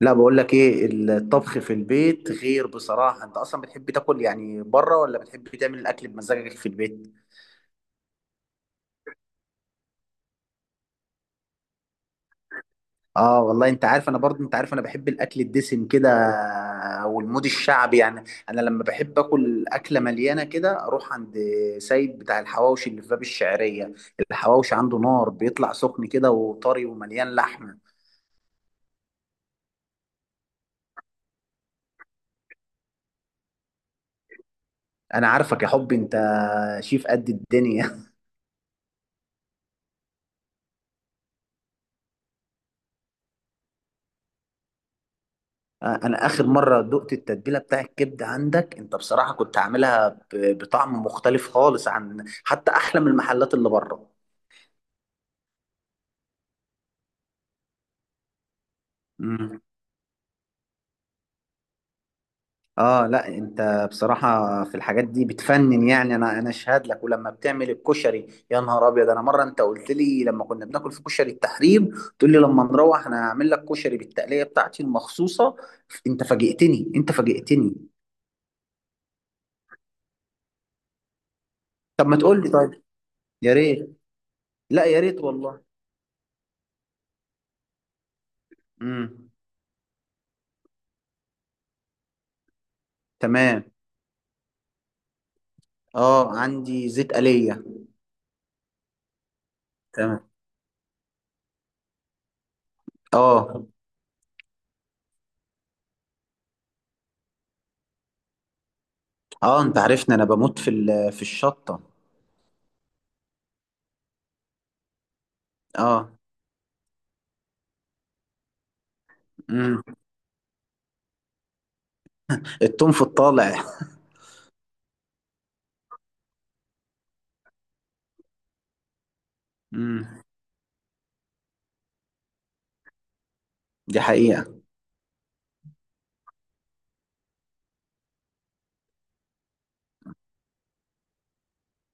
لا، بقول لك ايه. الطبخ في البيت غير بصراحة. انت اصلا بتحب تاكل يعني بره ولا بتحب تعمل الاكل بمزاجك في البيت؟ اه والله، انت عارف انا برضه انت عارف انا بحب الاكل الدسم كده والمود الشعبي يعني. انا لما بحب اكل اكلة مليانة كده اروح عند سيد بتاع الحواوشي اللي في باب الشعرية. الحواوشي عنده نار بيطلع سخن كده وطري ومليان لحمة. انا عارفك يا حب انت، شيف قد الدنيا. انا اخر مره دقت التتبيله بتاع الكبده عندك، انت بصراحه كنت عاملها بطعم مختلف خالص، عن حتى احلى من المحلات اللي بره. امم. اه لا، انت بصراحه في الحاجات دي بتفنن يعني. انا اشهد لك. ولما بتعمل الكشري يا نهار ابيض، انا مره انت قلت لي لما كنا بناكل في كشري التحرير، تقول لي لما نروح انا هعمل لك كشري بالتقليه بتاعتي المخصوصه. انت فاجئتني انت فاجئتني. طب ما تقول لي طيب. يا ريت. لا يا ريت والله. امم. تمام. اه، عندي زيت آلية. تمام. اه. اه انت عارفني انا بموت في الشطة. اه. امم. التوم في الطالع. امم. دي حقيقة.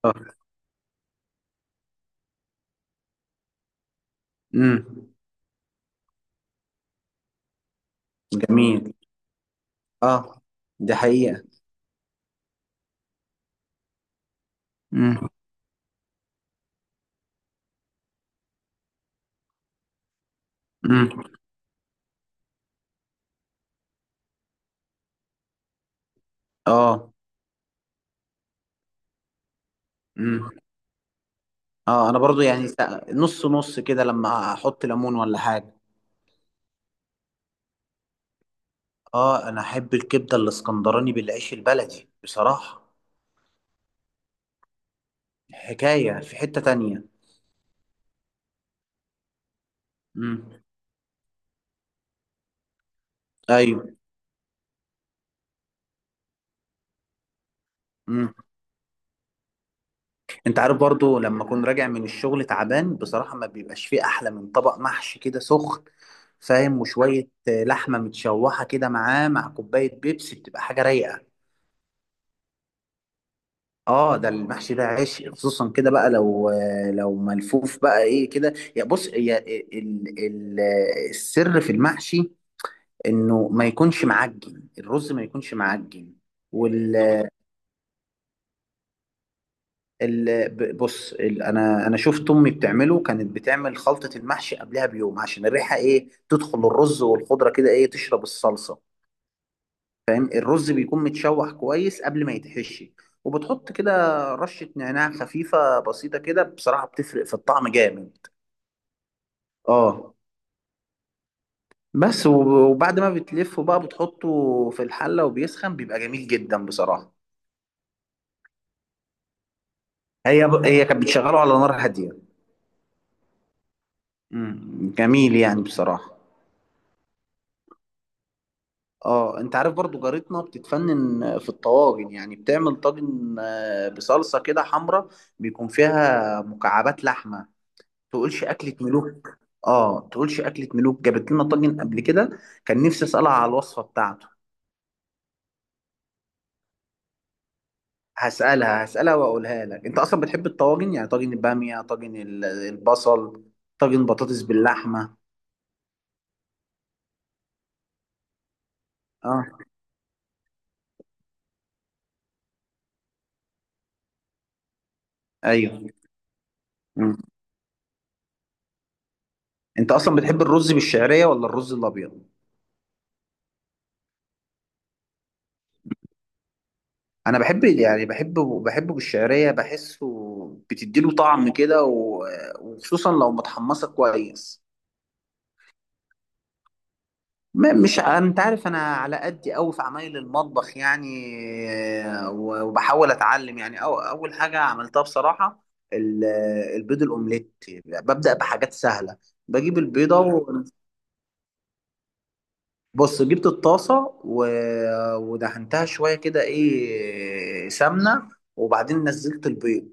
اه. امم، جميل. اه، دي حقيقة. امم. امم. اه. امم. اه انا برضو يعني نص نص كده لما احط ليمون ولا حاجة. اه انا احب الكبدة الاسكندراني بالعيش البلدي بصراحة. حكاية في حتة تانية. امم. ايوه. انت عارف برضو لما اكون راجع من الشغل تعبان بصراحة ما بيبقاش فيه احلى من طبق محشي كده سخن، فاهم؟ وشوية لحمة متشوحة كده معاه مع كوباية بيبسي بتبقى حاجة رايقة. اه ده المحشي ده عشق، خصوصا كده بقى لو لو ملفوف بقى ايه كده. يا بص، يا ال السر في المحشي، انه ما يكونش معجن، الرز ما يكونش معجن. بص، انا شفت امي بتعمله، كانت بتعمل خلطه المحشي قبلها بيوم عشان الريحه ايه تدخل الرز والخضره كده ايه تشرب الصلصه، فاهم. الرز بيكون متشوح كويس قبل ما يتحشي، وبتحط كده رشه نعناع خفيفه بسيطه كده بصراحه بتفرق في الطعم جامد. اه. بس وبعد ما بتلفه بقى بتحطه في الحله وبيسخن بيبقى جميل جدا بصراحه. هي كانت بتشغله على نار هاديه. امم، جميل يعني بصراحه. اه انت عارف برضو جارتنا بتتفنن في الطواجن، يعني بتعمل طاجن بصلصة كده حمرا، بيكون فيها مكعبات لحمة، تقولش أكلة ملوك. اه تقولش أكلة ملوك، جابت لنا طاجن قبل كده، كان نفسي أسألها على الوصفة بتاعته. هسألها هسألها وأقولها لك. انت أصلا بتحب الطواجن، يعني طاجن البامية، البصل، طاجن بطاطس باللحمة. اه. ايوه. مم. انت أصلا بتحب الرز بالشعرية ولا الرز الأبيض؟ انا بحب يعني بحبه بالشعريه، بحسه بتديله طعم كده، وخصوصا لو متحمصه كويس. مش انت عارف انا على قدي قوي في عمايل المطبخ يعني، وبحاول اتعلم يعني. أو اول حاجه عملتها بصراحه، ال- البيض الاومليت، ببدا بحاجات سهله. بجيب البيضه بص، جبت الطاسه ودهنتها شويه كده ايه سمنه، وبعدين نزلت البيض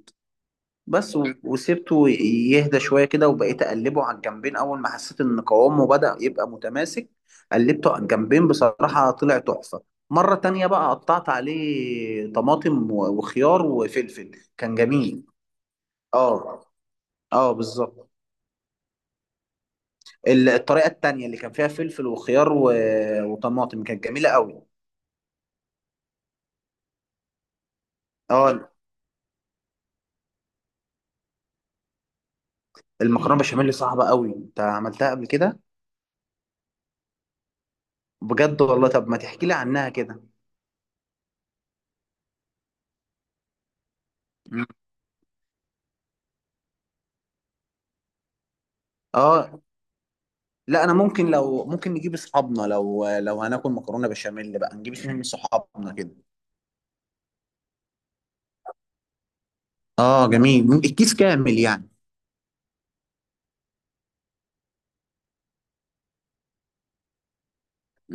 بس، وسبته يهدى شوية كده، وبقيت أقلبه على الجنبين أول ما حسيت إن قوامه بدأ يبقى متماسك. قلبته على الجنبين بصراحة طلع تحفة. مرة تانية بقى قطعت عليه طماطم وخيار وفلفل. كان جميل. اه. اه بالظبط. الطريقة التانية اللي كان فيها فلفل وخيار و... وطماطم كانت جميلة قوي. اه. المكرونة بشاميل صعبة قوي، انت عملتها قبل كده؟ بجد والله، طب ما تحكي لي عنها كده. مم. اه لا، انا ممكن لو ممكن نجيب اصحابنا. لو لو هناكل مكرونه بشاميل بقى نجيب اتنين من صحابنا كده. اه جميل، الكيس كامل يعني.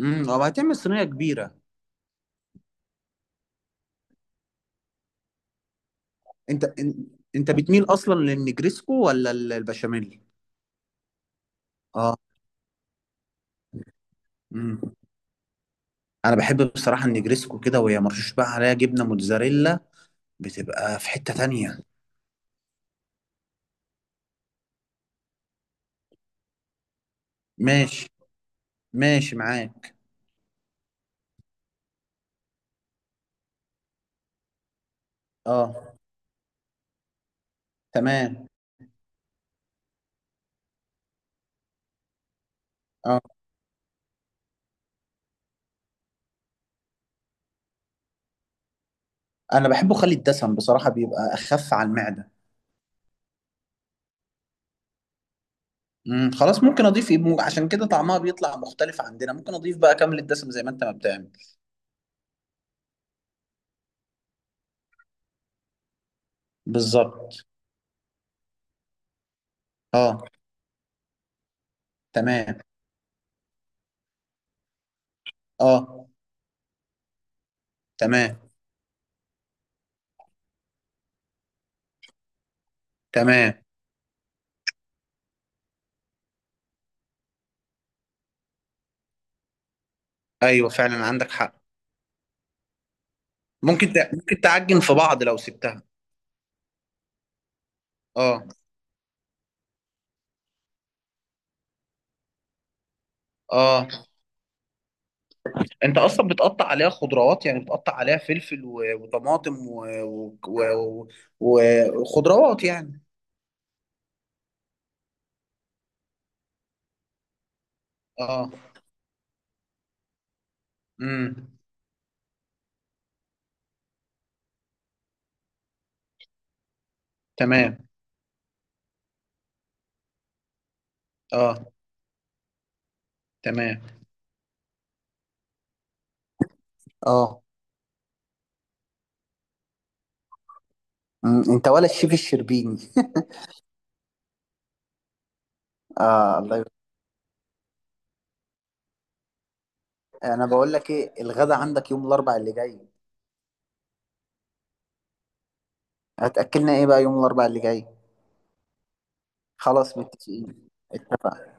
امم. او هتعمل صينيه كبيره. انت إن- انت بتميل اصلا للنجريسكو ولا البشاميل؟ اه. امم. انا بحب بصراحه النجريسكو كده وهي مرشوش بقى عليها جبنه موتزاريلا، بتبقى في حته تانية. ماشي، ماشي معاك. اه. تمام. اه انا بحبه خالي الدسم بصراحه، بيبقى اخف على المعده. مم، خلاص ممكن اضيف ايه عشان كده طعمها بيطلع مختلف عندنا، ممكن اضيف بقى كامل الدسم زي ما انت ما بتعمل. بالظبط. اه. تمام. اه. تمام. تمام. ايوه فعلا عندك حق. ممكن تعجن في بعض لو سبتها. اه. اه انت اصلا بتقطع عليها خضروات، يعني بتقطع عليها فلفل وطماطم و- وخضروات يعني. اه. امم. تمام. اه. تمام. اه. مم، انت ولا الشيف الشربيني اه الله. انا بقول لك ايه، الغدا عندك يوم الاربع اللي جاي. هتاكلنا ايه بقى يوم الاربع اللي جاي؟ خلاص متفقين، اتفقنا.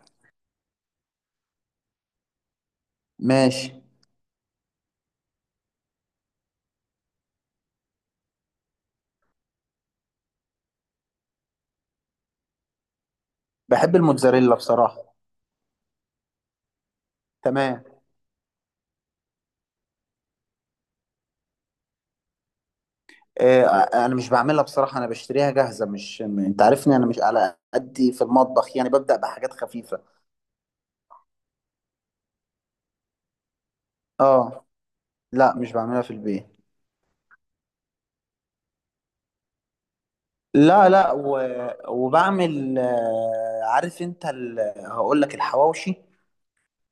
ماشي. بحب الموتزاريلا بصراحه. تمام. إيه؟ انا مش بعملها بصراحه، انا بشتريها جاهزه. مش م- انت عارفني انا مش على قدي في المطبخ يعني، ببدا بحاجات خفيفه. اه لا، مش بعملها في البيت. لا لا، و... وبعمل عارف انت. ال... هقول لك الحواوشي.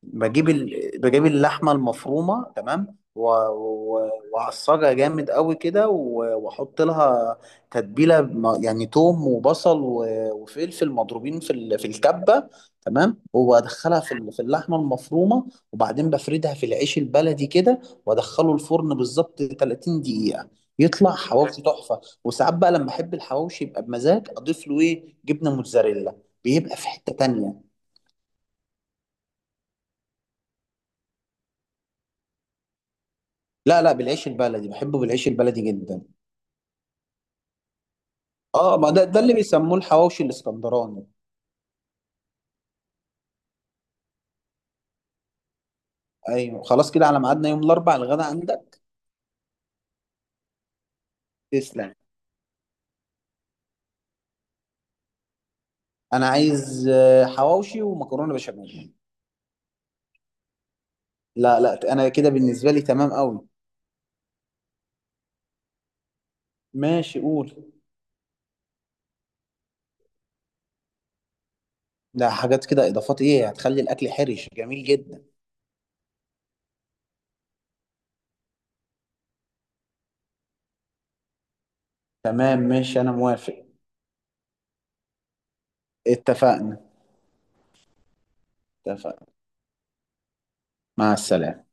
بجيب ال... بجيب اللحمه المفرومه تمام، و... و... وأعصجها جامد قوي كده واحط لها تتبيله يعني توم وبصل و... وفلفل مضروبين في ال... في الكبه. تمام. وادخلها في في اللحمه المفرومه. وبعدين بفردها في العيش البلدي كده وادخله الفرن بالظبط 30 دقيقه، يطلع حواوشي تحفه. وساعات بقى لما احب الحواوشي يبقى بمزاج اضيف له ايه جبنه موتزاريلا، بيبقى في حته تانية. لا لا، بالعيش البلدي، بحبه بالعيش البلدي جدا. اه ما ده اللي بيسموه الحواوشي الاسكندراني. ايوه، خلاص كده على ميعادنا يوم الاربعاء، الغدا عندك. تسلم. انا عايز حواوشي ومكرونه بشاميل. لا لا، انا كده بالنسبه لي تمام قوي. ماشي، قول. ده حاجات كده اضافات ايه، هتخلي الاكل حرش جميل جدا. تمام ماشي، انا موافق. اتفقنا. اتفقنا. مع السلامه.